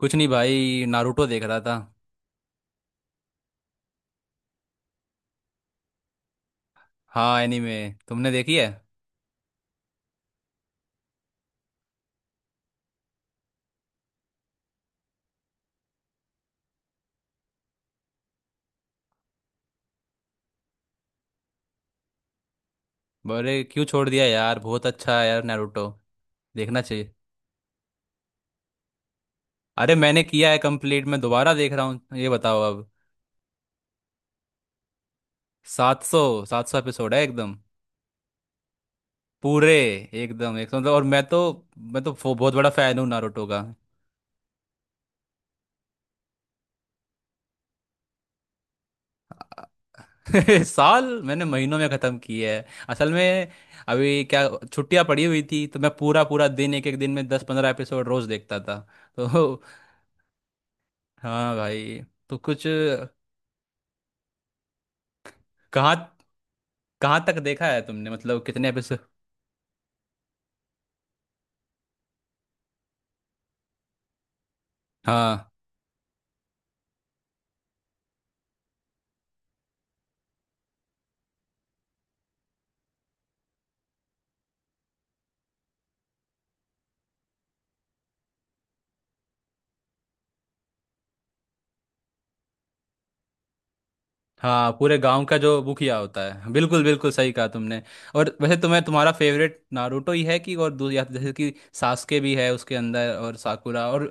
कुछ नहीं भाई, नारुतो देख रहा था। हाँ, एनीमे। तुमने देखी है? अरे क्यों छोड़ दिया यार? बहुत अच्छा है यार, नारुतो। देखना चाहिए। अरे, मैंने किया है कंप्लीट। मैं दोबारा देख रहा हूँ। ये बताओ अब। 700। 700 एपिसोड है एकदम। पूरे। एकदम 100, मतलब। और मैं तो बहुत बड़ा फैन हूँ नारुतो का। साल मैंने महीनों में ख़त्म किया है असल में। अभी क्या, छुट्टियाँ पड़ी हुई थी तो मैं पूरा पूरा दिन, एक एक दिन में 10 15 एपिसोड रोज़ देखता था। तो हाँ भाई, तो कुछ। कहाँ कहाँ तक देखा है तुमने, मतलब कितने एपिसोड? हाँ, हाँ, पूरे गांव का जो मुखिया होता है। बिल्कुल, बिल्कुल सही कहा तुमने। और वैसे तुम्हें तुम्हारा फेवरेट नारुतो ही है कि और या जैसे कि सास्के भी है उसके अंदर, और साकुरा और।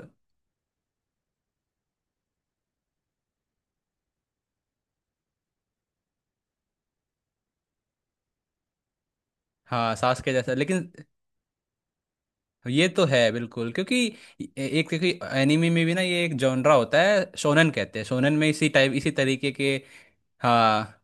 हाँ, सास्के जैसा, लेकिन ये तो है बिल्कुल, क्योंकि ए- एक क्योंकि एनिमे में भी ना ये एक जॉनरा होता है, शोनन कहते हैं। शोनन में इसी टाइप, इसी तरीके के। हाँ,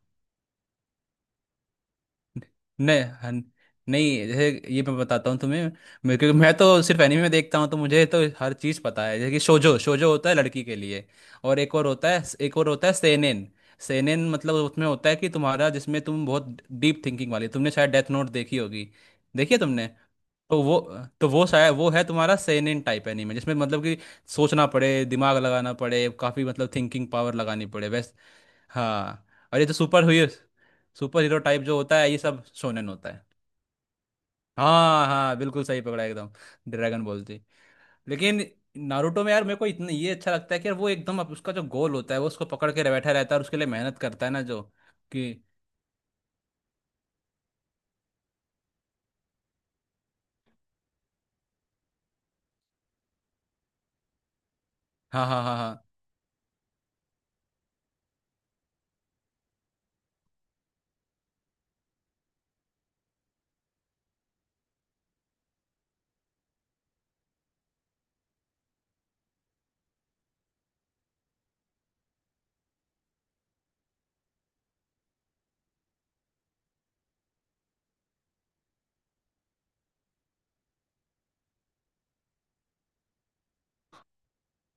नहीं, नहीं जैसे, ये मैं बताता हूँ तुम्हें। मेरे, क्योंकि मैं तो सिर्फ एनीमे देखता हूँ तो मुझे तो हर चीज़ पता है। जैसे कि शोजो, शोजो होता है लड़की के लिए। और एक और होता है सेनेन। सेनेन मतलब उसमें होता है कि तुम्हारा, जिसमें तुम बहुत डीप थिंकिंग वाली, तुमने शायद डेथ नोट देखी होगी। देखी है तुमने? तो वो तो वो शायद वो है तुम्हारा सेनेन टाइप एनीमे जिसमें, मतलब कि सोचना पड़े, दिमाग लगाना पड़े काफ़ी, मतलब थिंकिंग पावर लगानी पड़े वैस। हाँ, और ये तो super hero, super hero type जो होता है ये सब शोनेन होता है। हाँ, हाँ, बिल्कुल सही पकड़ा एकदम। Dragon Ball Z. लेकिन नारुतो में यार, मेरे को इतना ये अच्छा लगता है कि यार वो एकदम उसका जो गोल होता है वो उसको पकड़ के बैठा रहता है और उसके लिए मेहनत करता है ना जो कि। हाँ, हाँ, हाँ, हाँ,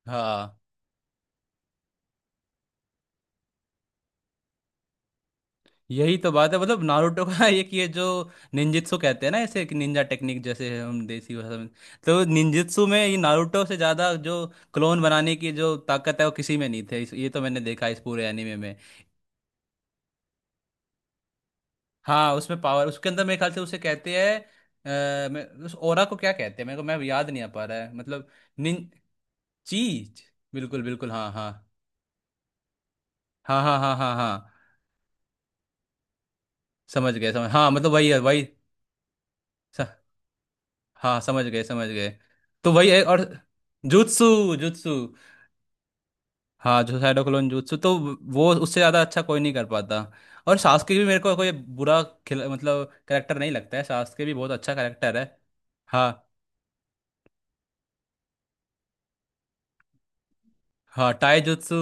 हाँ। यही तो बात है, मतलब नारुतो का। एक ये जो निंजित्सु कहते हैं ना ऐसे, एक निंजा टेक्निक, जैसे हम देसी भाषा में। तो निंजित्सु में ये नारुतो से ज़्यादा जो क्लोन बनाने की जो ताकत है वो किसी में नहीं थे, ये तो मैंने देखा इस पूरे एनीमे में। हाँ, उसमें पावर उसके अंदर, मेरे ख्याल से उसे कहते हैं, मैं उस ओरा को, क्या कहते हैं मेरे को, मैं याद नहीं आ पा रहा है मतलब। निन चीज। बिल्कुल, बिल्कुल, हाँ, हाँ, हाँ, हाँ, हाँ, हाँ, हाँ, समझ गए समझ, हाँ, मतलब वही है वही। स- हाँ, समझ गए, समझ गए। तो वही है और जुत्सु, जुत्सु। हाँ, जो साइडो क्लोन जुत्सु, तो वो उससे ज़्यादा अच्छा कोई नहीं कर पाता। और सास्के भी मेरे को कोई बुरा खिला, मतलब करेक्टर नहीं लगता है। सास्के भी बहुत अच्छा करेक्टर है। हाँ हाँ, टाई जुत्सु।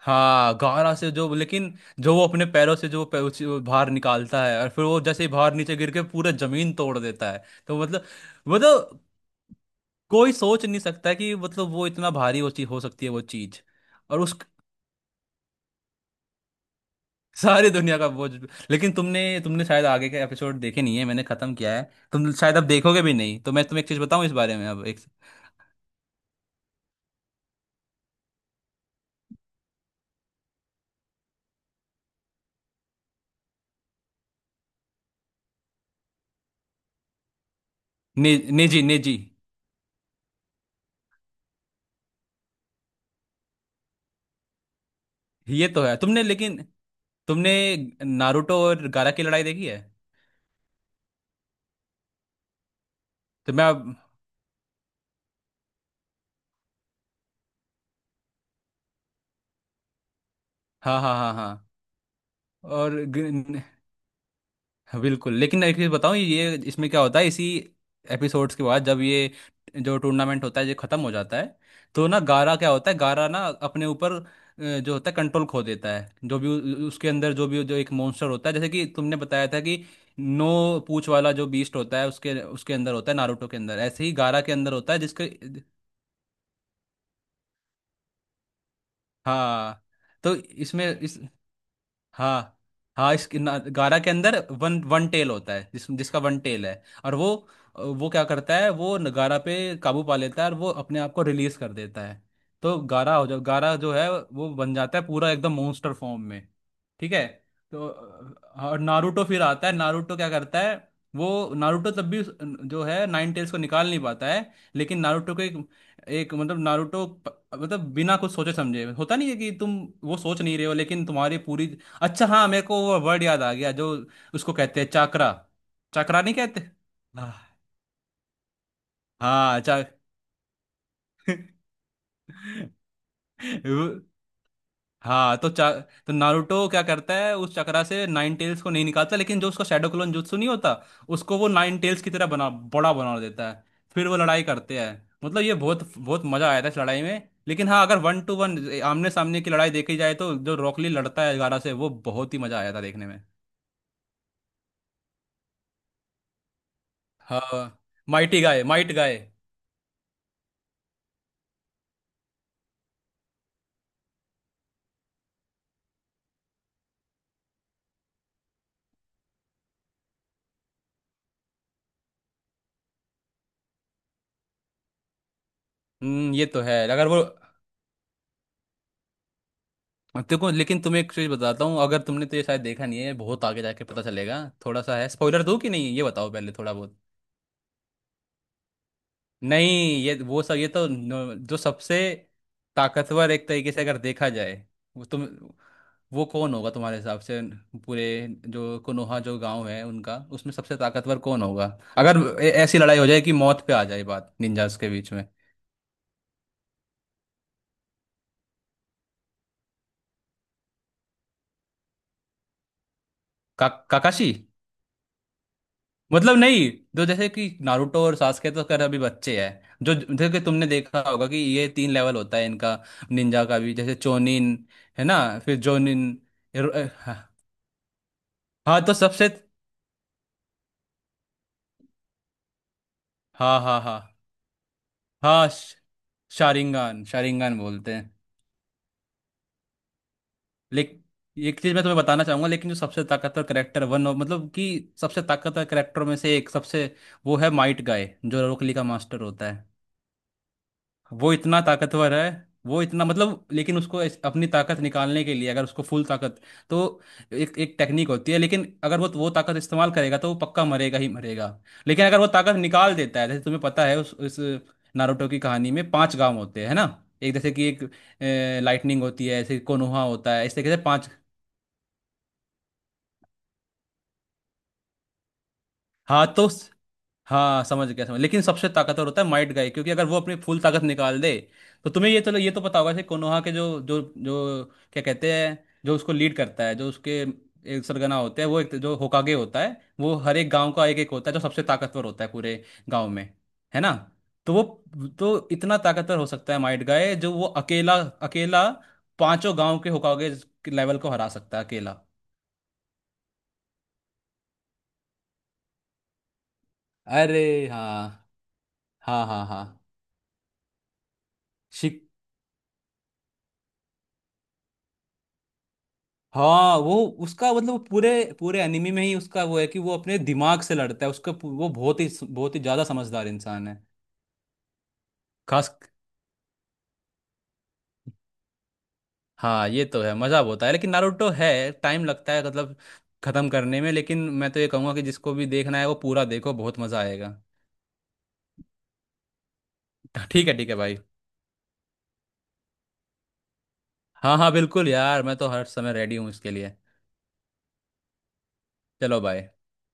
हाँ, गारा से, जो लेकिन जो वो अपने पैरों से जो वो बाहर निकालता है और फिर वो जैसे ही बाहर नीचे गिर के पूरा जमीन तोड़ देता है तो मतलब, मतलब कोई सोच नहीं सकता कि मतलब वो इतना भारी हो, हो सकती है वो चीज। और उस सारी दुनिया का बोझ। लेकिन तुमने तुमने शायद आगे के एपिसोड देखे नहीं है, मैंने खत्म किया है। तुम शायद अब देखोगे भी नहीं, तो मैं तुम्हें एक चीज बताऊं इस बारे में अब एक। ने, नेजी, नेजी। ये तो है, तुमने लेकिन तुमने नारुतो और गारा की लड़ाई देखी है? तो मैं, हाँ, हाँ, हाँ, हाँ, और हाँ, बिल्कुल, लेकिन एक चीज़ बताऊँ, ये इसमें क्या होता है इसी एपिसोड्स के बाद जब ये जो टूर्नामेंट होता है ये ख़त्म हो जाता है। तो ना गारा क्या होता है, गारा ना अपने ऊपर जो होता है कंट्रोल खो देता है, जो भी उसके अंदर जो भी जो एक मॉन्स्टर होता है, जैसे कि तुमने बताया था कि नो पूछ वाला जो बीस्ट होता है उसके उसके अंदर होता है, नारुतो के अंदर, ऐसे ही गारा के अंदर होता है जिसके। हाँ, तो इसमें इस, हाँ, हाँ, गारा के अंदर वन वन टेल होता है, जिसका वन टेल है। और वो क्या करता है वो गारा पे काबू पा लेता है और वो अपने आप को रिलीज कर देता है। तो गारा हो जा गारा जो है वो बन जाता है पूरा एकदम monster फॉर्म में। ठीक है, तो और नारुतो फिर आता है, नारुतो क्या करता है वो। नारुतो तब भी जो है नाइन टेल्स को निकाल नहीं पाता है, लेकिन नारुतो को एक, एक मतलब नारुतो मतलब बिना कुछ सोचे समझे होता नहीं है कि तुम वो सोच नहीं रहे हो लेकिन तुम्हारी पूरी, अच्छा हाँ मेरे को वो वर्ड याद आ गया जो उसको कहते हैं चाकरा। चाकरा नहीं कहते। आह, हाँ चा। हाँ तो चा, तो नारुतो क्या करता है उस चक्रा से, नाइन टेल्स को नहीं निकालता लेकिन जो उसका शैडो क्लोन जुत्सु नहीं होता, उसको वो नाइन टेल्स की तरह बना, बड़ा बना देता है। फिर वो लड़ाई करते हैं। मतलब, ये बहुत बहुत मजा आया था इस लड़ाई में, लेकिन हाँ अगर वन टू वन आमने सामने की लड़ाई देखी जाए तो जो रॉकली लड़ता है गारा से, वो बहुत ही मजा आया था देखने में। हाँ, माइटी गाय, माइट गाय। हम्म, ये तो है, अगर वो। देखो, लेकिन तुम्हें एक चीज बताता हूँ, अगर तुमने, तो ये शायद देखा नहीं है, बहुत आगे जाके पता चलेगा थोड़ा सा है। स्पॉइलर दूँ कि नहीं ये बताओ पहले थोड़ा बहुत। नहीं, ये वो सब, ये तो जो सबसे ताकतवर एक तरीके से अगर देखा जाए, वो तुम, वो कौन होगा तुम्हारे हिसाब से? पूरे जो कोनोहा जो गांव है उनका, उसमें सबसे ताकतवर कौन होगा अगर ऐसी लड़ाई हो जाए कि मौत पे आ जाए बात निंजास के बीच में? काकाशी। मतलब नहीं, जो जैसे कि नारुतो और सास्के तो खैर अभी बच्चे हैं, जो जैसे कि तुमने देखा होगा कि ये तीन लेवल होता है इनका, निंजा का भी, जैसे चोनिन, है ना, फिर जोनिन। हाँ, हाँ, तो सबसे, हाँ, हाँ, हाँ, हाँ, शारिंगान, शारिंगान बोलते हैं। लेकिन एक चीज मैं तुम्हें बताना चाहूंगा, लेकिन जो सबसे ताकतवर करेक्टर, वन ऑफ, मतलब कि सबसे ताकतवर करेक्टर में से एक, सबसे, वो है माइट गाय जो रोकली का मास्टर होता है। वो इतना ताकतवर है, वो इतना मतलब, लेकिन उसको अपनी ताकत निकालने के लिए, अगर उसको फुल ताकत, तो एक एक टेक्निक होती है, लेकिन अगर वो ताकत इस्तेमाल करेगा तो वो पक्का मरेगा ही मरेगा। लेकिन अगर वो ताकत निकाल देता है, जैसे तुम्हें पता है उस, नारुतो की कहानी में पांच गांव होते हैं, है ना। एक जैसे कि एक लाइटनिंग होती है, ऐसे कोनोहा होता है, इस तरीके से पांच। हाँ, तो हाँ, समझ गया, समझ, लेकिन सबसे ताकतवर होता है माइट गाय, क्योंकि अगर वो अपनी फुल ताकत निकाल दे, तो तुम्हें ये, चलो ये तो पता होगा कि कोनोहा के जो जो जो क्या कहते हैं, जो उसको लीड करता है, जो उसके एक सरगना होते हैं, वो एक जो होकागे होता है, वो हर एक गांव का एक एक होता है जो सबसे ताकतवर होता है पूरे गांव में, है ना। तो वो, तो इतना ताकतवर हो सकता है माइट गाय, जो वो अकेला, अकेला पांचों गांव के होकागे लेवल को हरा सकता है अकेला। अरे, हाँ, हाँ, हाँ, हाँ, हाँ। वो उसका मतलब, वो पूरे, पूरे एनिमी में ही उसका वो है कि वो अपने दिमाग से लड़ता है, उसका वो बहुत ही ज्यादा समझदार इंसान है। खास। हाँ, ये तो है, मजा बहुत है, लेकिन नारुतो है, टाइम लगता है, मतलब खत्म करने में। लेकिन मैं तो ये कहूँगा कि जिसको भी देखना है वो पूरा देखो, बहुत मजा आएगा। ठीक है, ठीक है भाई। हाँ, हाँ, बिल्कुल यार, मैं तो हर समय रेडी हूँ इसके लिए। चलो भाई।